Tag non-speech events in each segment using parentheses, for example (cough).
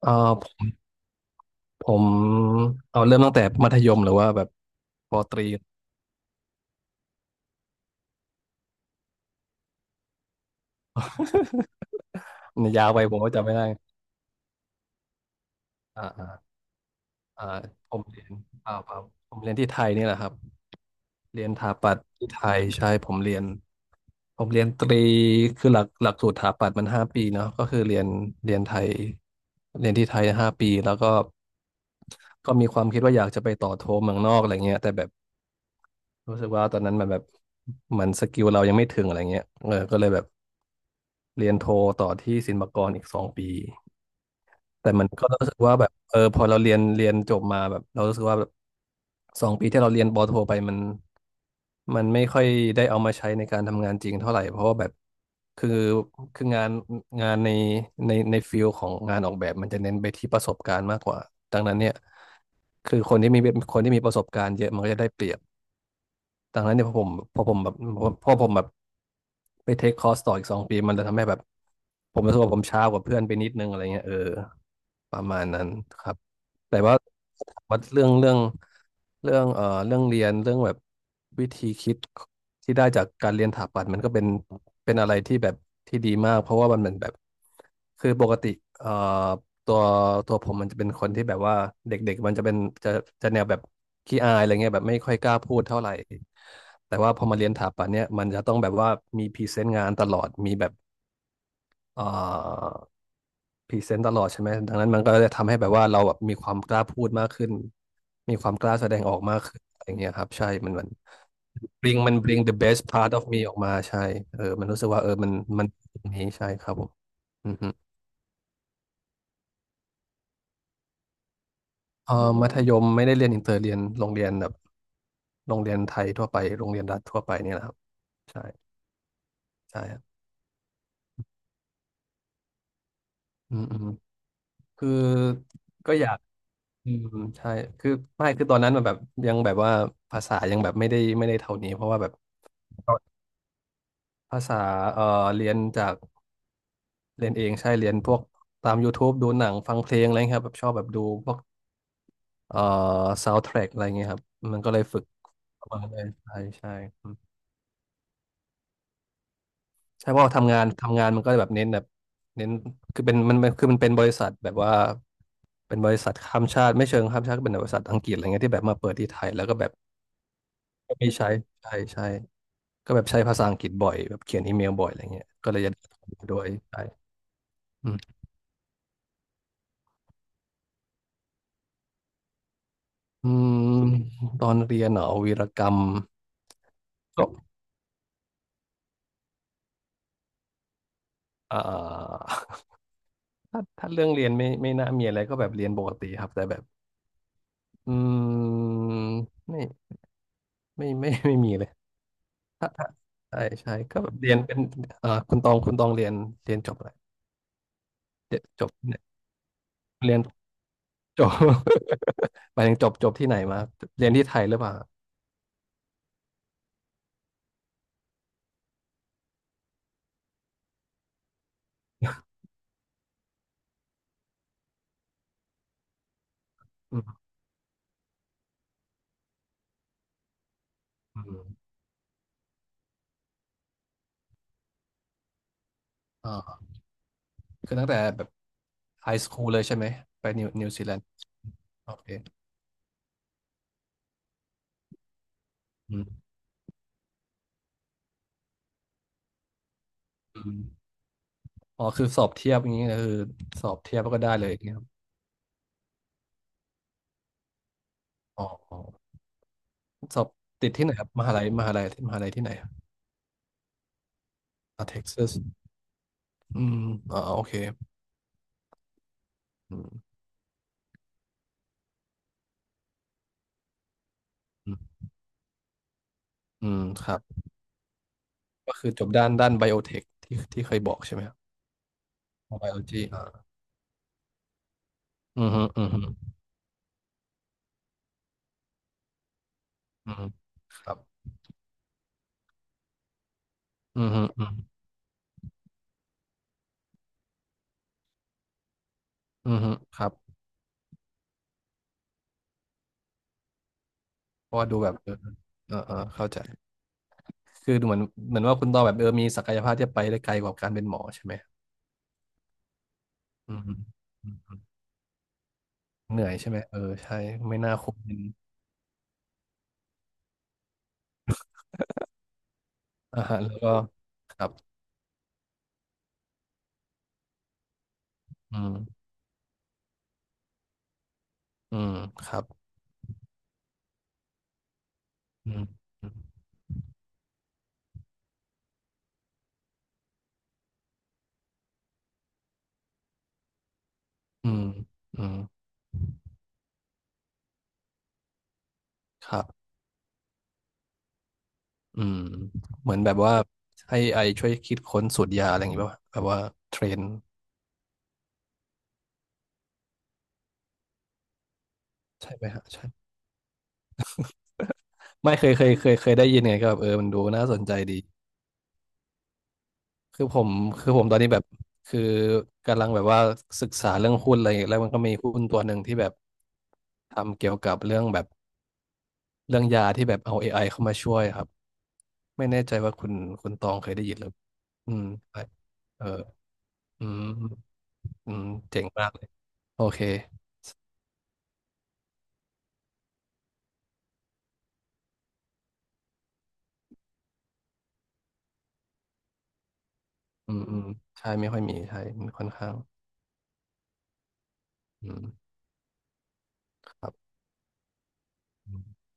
เอ่อผมผมเอาเริ่มตั้งแต่มัธยมหรือว่าแบบปอตรี (laughs) มันยาวไปผมก็จำไม่ได้อ่าอ่าอ่าผมเรียนเปล่าเปล่าผมเรียนที่ไทยนี่แหละครับเรียนถาปัตย์ที่ไทยใช่ผมเรียนตรีคือหลักสูตรถาปัตย์มันห้าปีเนาะก็คือเรียนไทยเรียนที่ไทยห้าปีแล้วก็มีความคิดว่าอยากจะไปต่อโทเมืองนอกอะไรเงี้ยแต่แบบ รู้สึกว่าตอนนั้นมันแบบมันสกิลเรายังไม่ถึงอะไรเงี้ยเออก็เลยแบบเรียนโทต่อที่ศิลปากรอีกสองปีแต่มันก็รู้สึกว่าแบบเออพอเราเรียนจบมาแบบเรารู้สึกว่าแบบสองปีที่เราเรียนปอโทไปมันไม่ค่อยได้เอามาใช้ในการทำงานจริงเท่าไหร่เพราะว่าแบบคือคืองานในในฟิลของงานออกแบบมันจะเน้นไปที่ประสบการณ์มากกว่าดังนั้นเนี่ยคือคนที่มีประสบการณ์เยอะมันก็จะได้เปรียบ ดังนั้นเนี่ยพอผมแบบไปเทคคอร์สต่ออีกสองปีมันจะทำให้แบบผมรู้สึกว่าผมช้ากว่าเพื่อนไปนิดนึงอะไรเงี้ยเออประมาณนั้นครับแต่ว่าเรื่องเรียนเรื่องแบบวิธีคิดที่ได้จากการเรียนถาปัตย์มันก็เป็นอะไรที่แบบที่ดีมากเพราะว่ามันเหมือนแบบคือปกติเอ่อ ตัวตัวผมมันจะเป็นคนที่แบบว่าเด็กๆมันจะเป็นจะจะแนวแบบขี้อายอะไรเงี้ยแบบไม่ค่อยกล้าพูดเท่าไหร่แต่ว่าพอมาเรียนถาปัตย์เนี่ยมันจะต้องแบบว่ามีพรีเซนต์งานตลอดมีแบบเอ่อพรีเซนต์ตลอดใช่ไหมดังนั้นมันก็จะทำให้แบบว่าเราแบบมีความกล้าพูดมากขึ้นมีความกล้าแสดงออกมากขึ้นอะไรเงี้ยครับใช่มัน bring the best part of me ออกมาใช่เออมันรู้สึกว่ามันอย่างนี้ใช่ครับผมอือฮึเอออมัธยมไม่ได้เรียนอินเตอร์เรียนโรงเรียนแบบ โรงเรียนไทยทั่วไปโรงเรียนรัฐทั่วไปเนี่ยแหละครับ ใช่ ใช่ครับอืมอืมคือ ก็อยากอืมใช่คือไม่คือตอนนั้นมันแบบ ยังแบบว่าภาษายังแบบไม่ได้เท่านี้ เพราะว่าแบบภาษาเอ่อเรียนจากเรียนเองใช่ เรียนพวกตาม YouTube ดูหนังฟังเพลงอะไรเงี้ยครับแบบชอบแบบดูพวกเอ่อซาวด์แทร็กอะไรเงี้ยครับ มันก็เลยฝึกประมาณนั้นใช่ใช่ ใช่เพราะว่าทำงานมันก็แบบเน้นคือเป็นมันคือมันเป็นบริษัทแบบว่าเป็นบริษัทข้ามชาติไม่เชิงข้ามชาติก็เป็นบริษัทอังกฤษอะไรเงี้ยที่แบบมาเปิดที่ไทยแล้วก็แบบก็มีใช้ใช่ใช่ก็แบบใช้ภาษาอังกฤษบ่อยแบบเขียนอีเมลบ่อยอะไรเงี้ยก็เลยจะได้ด้วยใช่อืมอืมตอนเรียนเหรอวีรกรรมก็อ่า (laughs) ถ้าเรื่องเรียนไม่น่ามีอะไรก็แบบเรียนปกติครับแต่แบบอืมไม่ไม่ไม่ (laughs) ไม่มีเลย ถ้าใช่ใช่ก็แบบเรียนเป็นคุณตองเรียนจบอะไรเรียนจบเนี่ยเรียนจบ (laughs) หมายถึงจบที่ไหนมาเรียนที่ไทยหรือเปล่าอืมอืมอ่าคือตั้งแต่แบบไฮสคูลเลยใช่ไหมไปนิวซีแลนด์โอเคอืมอืมอ๋อคือสอบเทียบอย่างนี้ก็คือสอบเทียบแล้วก็ได้เลยอย่างเงี้ยครับอ๋ออ๋อสอบติดที่ไหนครับมหาลัยที่ไหนอะอ่าเท็กซัสอืมอ๋อโอเคอืมอืมอืมครับก็คือจบด้านไบโอเทคที่เคยบอกใช่ไหม อ๋อไบโอจีอ่าอือฮึอือฮึอือฮึครับอือฮึอืออือฮึครับเพราะว่าดูแบบเออเออเออเข้าใจ คือดูเหมือนว่าคุณตองแบบเออมีศักยภาพที่จะไปได้ไกลกว่าการเป็นหมอใช่ไหมอืมฮึอืมอืเหนื่อยใช่ไหม เออใช่ไม่น่าคุ้มเงินอาหารแล้วก็ครับอืมอืมครับอืมอืมอืมครับอืมเหมือนแบบว่าให้ไอช่วยคิดค้นสูตรยาอะไรอย่างงี้ป่ะวะแบบว่าเทรนใช่ไหมฮะ ไม่เคยได้ยินไงก็แบบมันดูน่าสนใจดีคือผมคือผมตอนนี้แบบคือกำลังแบบว่าศึกษาเรื่องหุ้นอะไรอย่างเงี้ยแล้วมันก็มีหุ้นตัวหนึ่งที่แบบทำเกี่ยวกับเรื่องแบบเรื่องยาที่แบบเอา AI เข้ามาช่วยครับไม่แน่ใจว่าคุณตองเคยได้ยินหรืออืมใช่เอออืมอืมเจ๋งมากเลยโอเคอืมอืมใช่ไม่ค่อยมีใช่มันค่อนข้างอืมครับอืม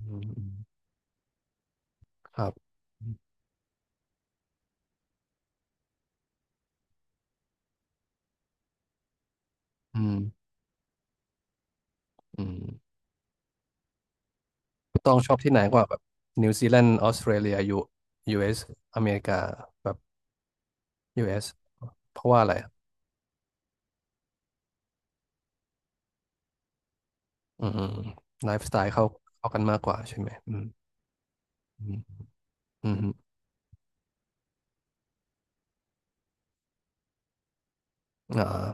อืมอืมครับอืมอืม ต้องชอบที่ไหนกว่าแบบนิวซีแลนด์ออสเตรเลียยูเอสอเมริกาแบบยูเอสเพราะว่าอะไรอะอืมไลฟ์สไตล์เข้าเข้ากันมากกว่าใช่ไหมอืมอืมอืมอ่า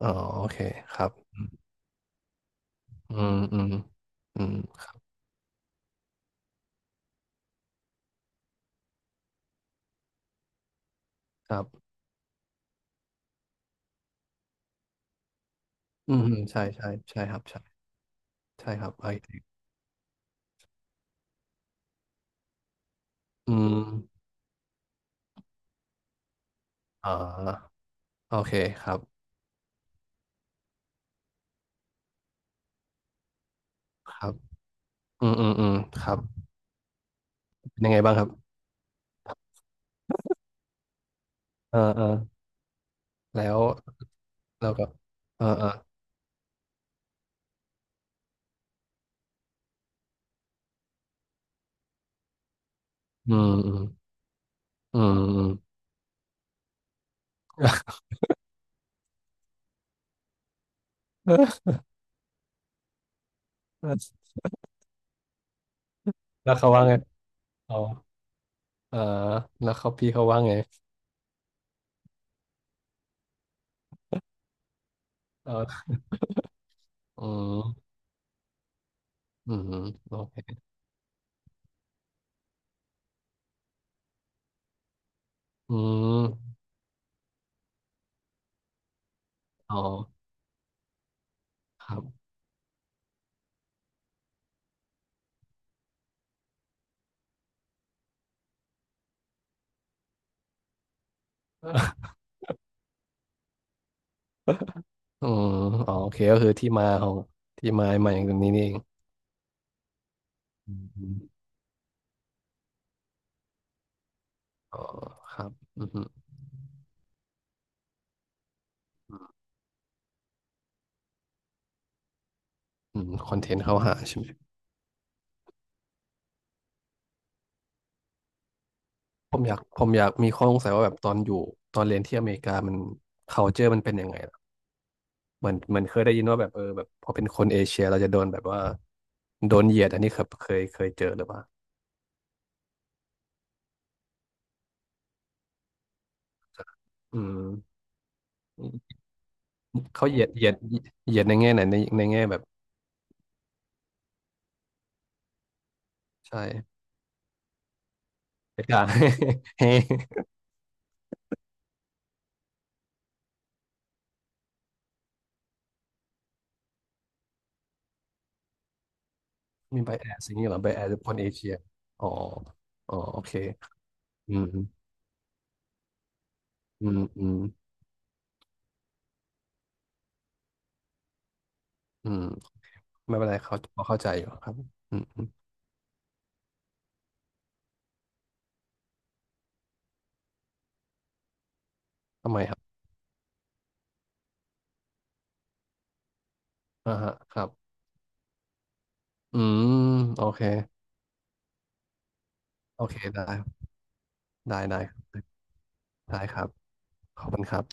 อ๋อโอเคครับอืมอืมอืมครับอืมอืมใช่ครับใช่ใช่ครับไออืมอ่าโอเคครับครับอืมอืมอืมครับเป็นยังไงบ้างครับเออเออแล้วแล้วก็เออเอออืมอืมอืมอืม (laughs) เออแล้วเขาว่าไงอ๋อเออแล้วเขาพี่เขาว่าไงเอออืมอืมโอเคอืมอ๋อครับ (laughs) อืมอ๋อโอเคก็คือที่มาของที่มาใหม่อย่างนี้นี่เองอืมอ๋อครับอืมอืมคอนเทนต์เข้าหาใช่ไหมผมอยากมีข้อสงสัยว่าแบบตอนอยู่ตอนเรียนที่อเมริกามัน culture มันเป็นยังไงล่ะเหมือนเคยได้ยินว่าแบบแบบพอเป็นคนเอเชียเราจะโดนแบบว่าโดนเหยียดอันนี้ครับเคยเจอหรือเปล่า อืมเขาเหยียดในแง่ไหนในแง่แบบใช่ไปด่า (laughs) เฮ้ (laughs) มีไบแอสอย่างนี้เหรอไบแอสคนเอเชียอ๋ออ๋อโอเคอืมอืมอืมอืมไม่เป็นไรเขาพอเข้าใจอยู่ครับอืมอืมทำไมครับอ่าฮะครับอืมโอเคโอเคได้ได้ได้ครับขอบคุณครับ